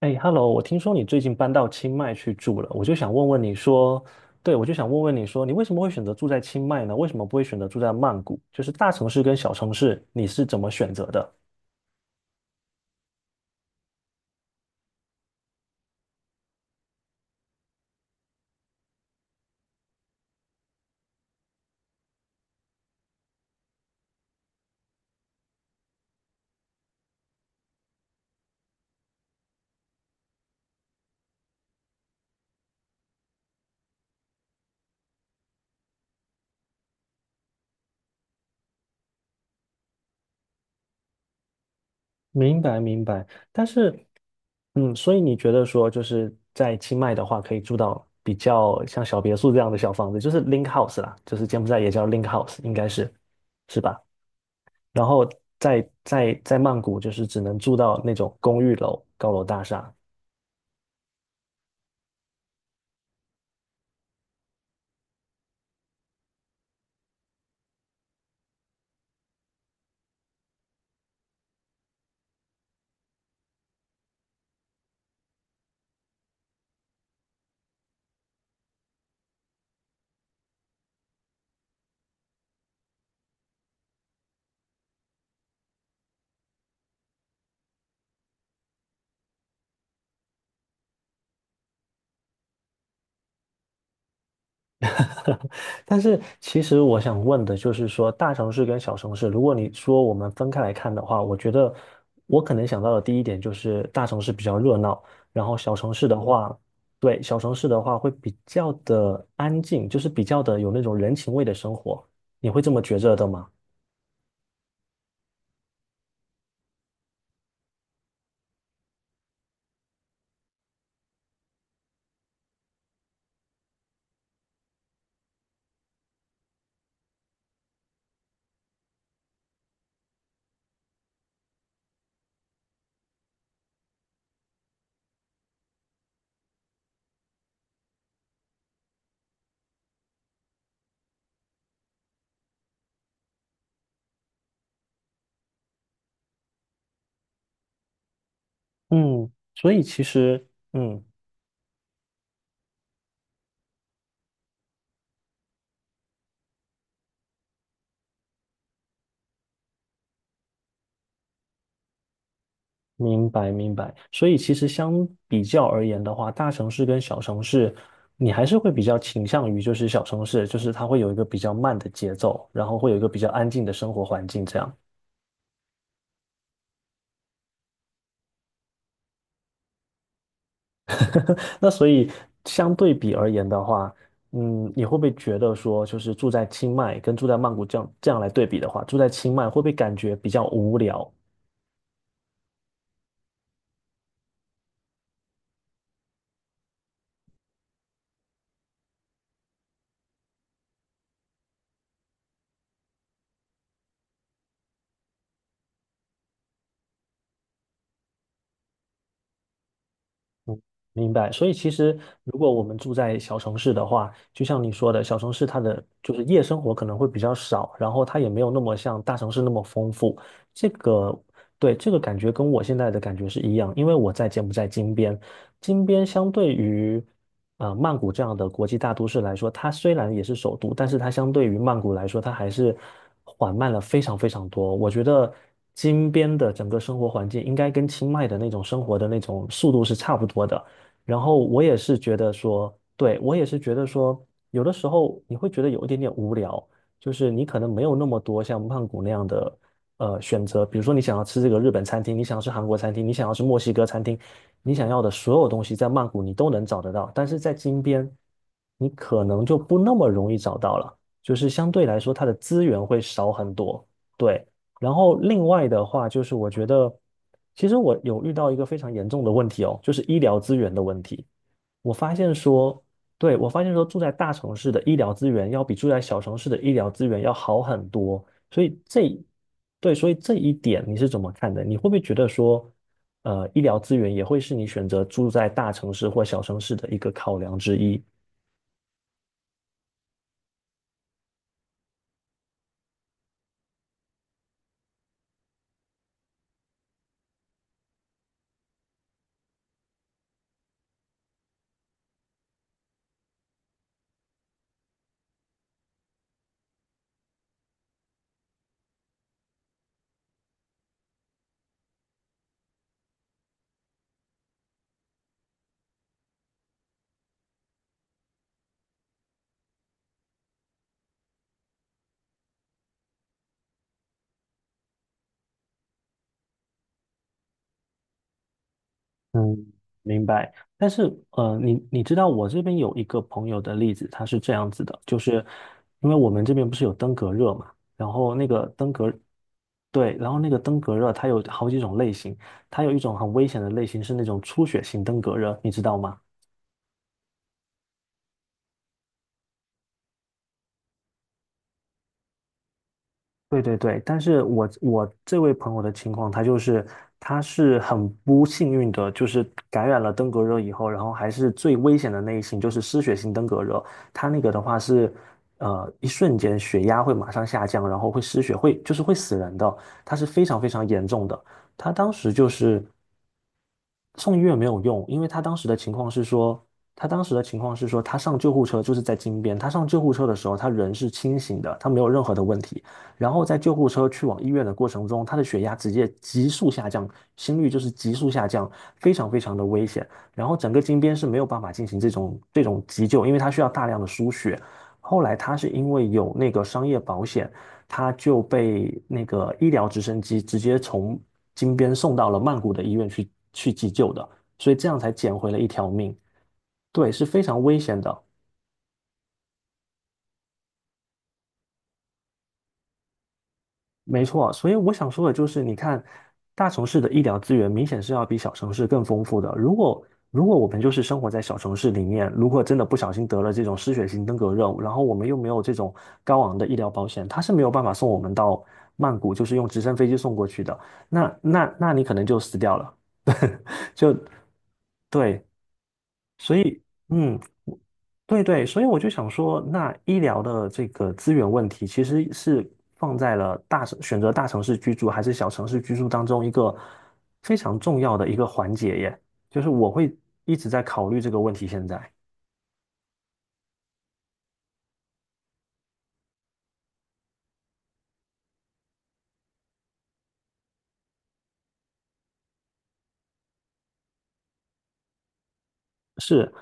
哎，Hello，我听说你最近搬到清迈去住了，我就想问问你说，对，我就想问问你说，你为什么会选择住在清迈呢？为什么不会选择住在曼谷？就是大城市跟小城市，你是怎么选择的？明白，明白。但是，嗯，所以你觉得说，就是在清迈的话，可以住到比较像小别墅这样的小房子，就是 link house 啦，就是柬埔寨也叫 link house，应该是，是吧？然后在曼谷，就是只能住到那种公寓楼、高楼大厦。但是其实我想问的就是说，大城市跟小城市，如果你说我们分开来看的话，我觉得我可能想到的第一点就是大城市比较热闹，然后小城市的话，对，小城市的话会比较的安静，就是比较的有那种人情味的生活，你会这么觉着的吗？嗯，所以其实，嗯。明白，明白。所以其实相比较而言的话，大城市跟小城市，你还是会比较倾向于就是小城市，就是它会有一个比较慢的节奏，然后会有一个比较安静的生活环境这样。那所以相对比而言的话，嗯，你会不会觉得说，就是住在清迈跟住在曼谷这样来对比的话，住在清迈会不会感觉比较无聊，明白，所以其实如果我们住在小城市的话，就像你说的，小城市它的就是夜生活可能会比较少，然后它也没有那么像大城市那么丰富。这个，对，这个感觉跟我现在的感觉是一样，因为我在柬埔寨金边，金边相对于曼谷这样的国际大都市来说，它虽然也是首都，但是它相对于曼谷来说，它还是缓慢了非常非常多。我觉得金边的整个生活环境应该跟清迈的那种生活的那种速度是差不多的。然后我也是觉得说，对，我也是觉得说，有的时候你会觉得有一点点无聊，就是你可能没有那么多像曼谷那样的选择，比如说你想要吃这个日本餐厅，你想要吃韩国餐厅，你想要吃墨西哥餐厅，你想要的所有东西在曼谷你都能找得到，但是在金边你可能就不那么容易找到了，就是相对来说它的资源会少很多，对。然后另外的话，就是我觉得，其实我有遇到一个非常严重的问题哦，就是医疗资源的问题。我发现说，对，我发现说，住在大城市的医疗资源要比住在小城市的医疗资源要好很多。所以这，对，所以这一点你是怎么看的？你会不会觉得说，呃，医疗资源也会是你选择住在大城市或小城市的一个考量之一？嗯，明白。但是，呃，你知道我这边有一个朋友的例子，他是这样子的，就是因为我们这边不是有登革热嘛，然后那个登革，对，然后那个登革热它有好几种类型，它有一种很危险的类型是那种出血性登革热，你知道吗？对对对，但是我这位朋友的情况，他就是他是很不幸运的，就是感染了登革热以后，然后还是最危险的那一型，就是失血性登革热。他那个的话是，呃，一瞬间血压会马上下降，然后会失血，会就是会死人的，他是非常非常严重的。他当时就是。送医院没有用，因为他当时的情况是说，他当时的情况是说，他上救护车就是在金边，他上救护车的时候，他人是清醒的，他没有任何的问题。然后在救护车去往医院的过程中，他的血压直接急速下降，心率就是急速下降，非常非常的危险。然后整个金边是没有办法进行这种急救，因为他需要大量的输血。后来他是因为有那个商业保险，他就被那个医疗直升机直接从金边送到了曼谷的医院去急救的，所以这样才捡回了一条命。对，是非常危险的。没错，所以我想说的就是，你看，大城市的医疗资源明显是要比小城市更丰富的。如果我们就是生活在小城市里面，如果真的不小心得了这种失血性登革热，然后我们又没有这种高昂的医疗保险，他是没有办法送我们到曼谷，就是用直升飞机送过去的。那你可能就死掉了，就对，所以嗯。对对，所以我就想说，那医疗的这个资源问题，其实是放在了大城，选择大城市居住还是小城市居住当中一个非常重要的一个环节耶。就是我会一直在考虑这个问题。现在是，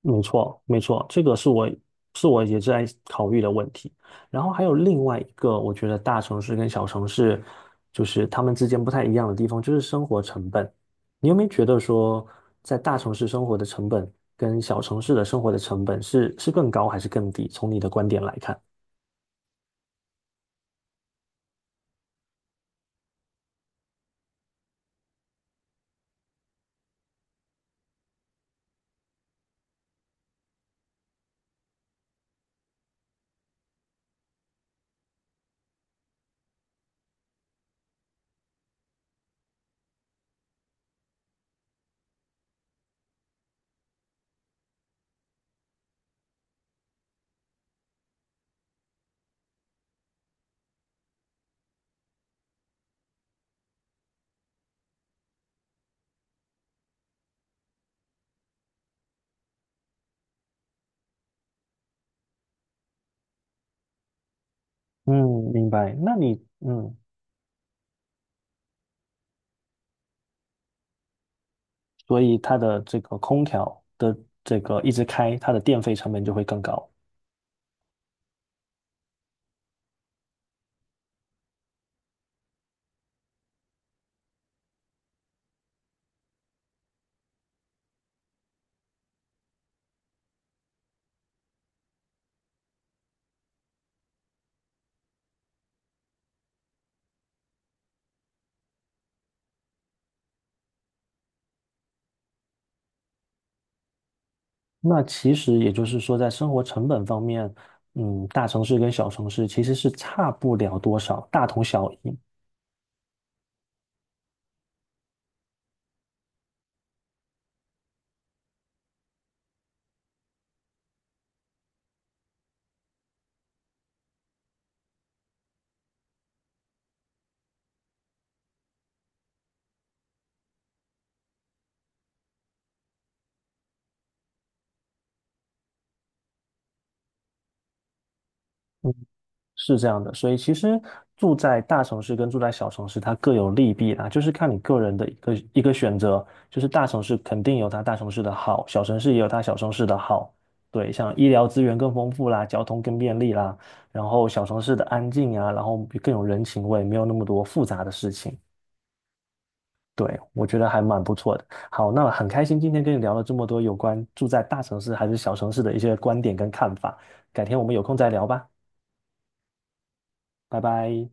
没错，没错，这个是我是我也在考虑的问题。然后还有另外一个，我觉得大城市跟小城市，就是他们之间不太一样的地方，就是生活成本。你有没有觉得说，在大城市生活的成本跟小城市的生活的成本是更高还是更低？从你的观点来看。嗯，明白。那你嗯，所以它的这个空调的这个一直开，它的电费成本就会更高。那其实也就是说，在生活成本方面，嗯，大城市跟小城市其实是差不了多少，大同小异，嗯，是这样的。所以其实住在大城市跟住在小城市，它各有利弊啦，就是看你个人的一个选择。就是大城市肯定有它大城市的好，小城市也有它小城市的好。对，像医疗资源更丰富啦，交通更便利啦，然后小城市的安静啊，然后更有人情味，没有那么多复杂的事情。对，我觉得还蛮不错的。好，那很开心今天跟你聊了这么多有关住在大城市还是小城市的一些观点跟看法。改天我们有空再聊吧，拜拜。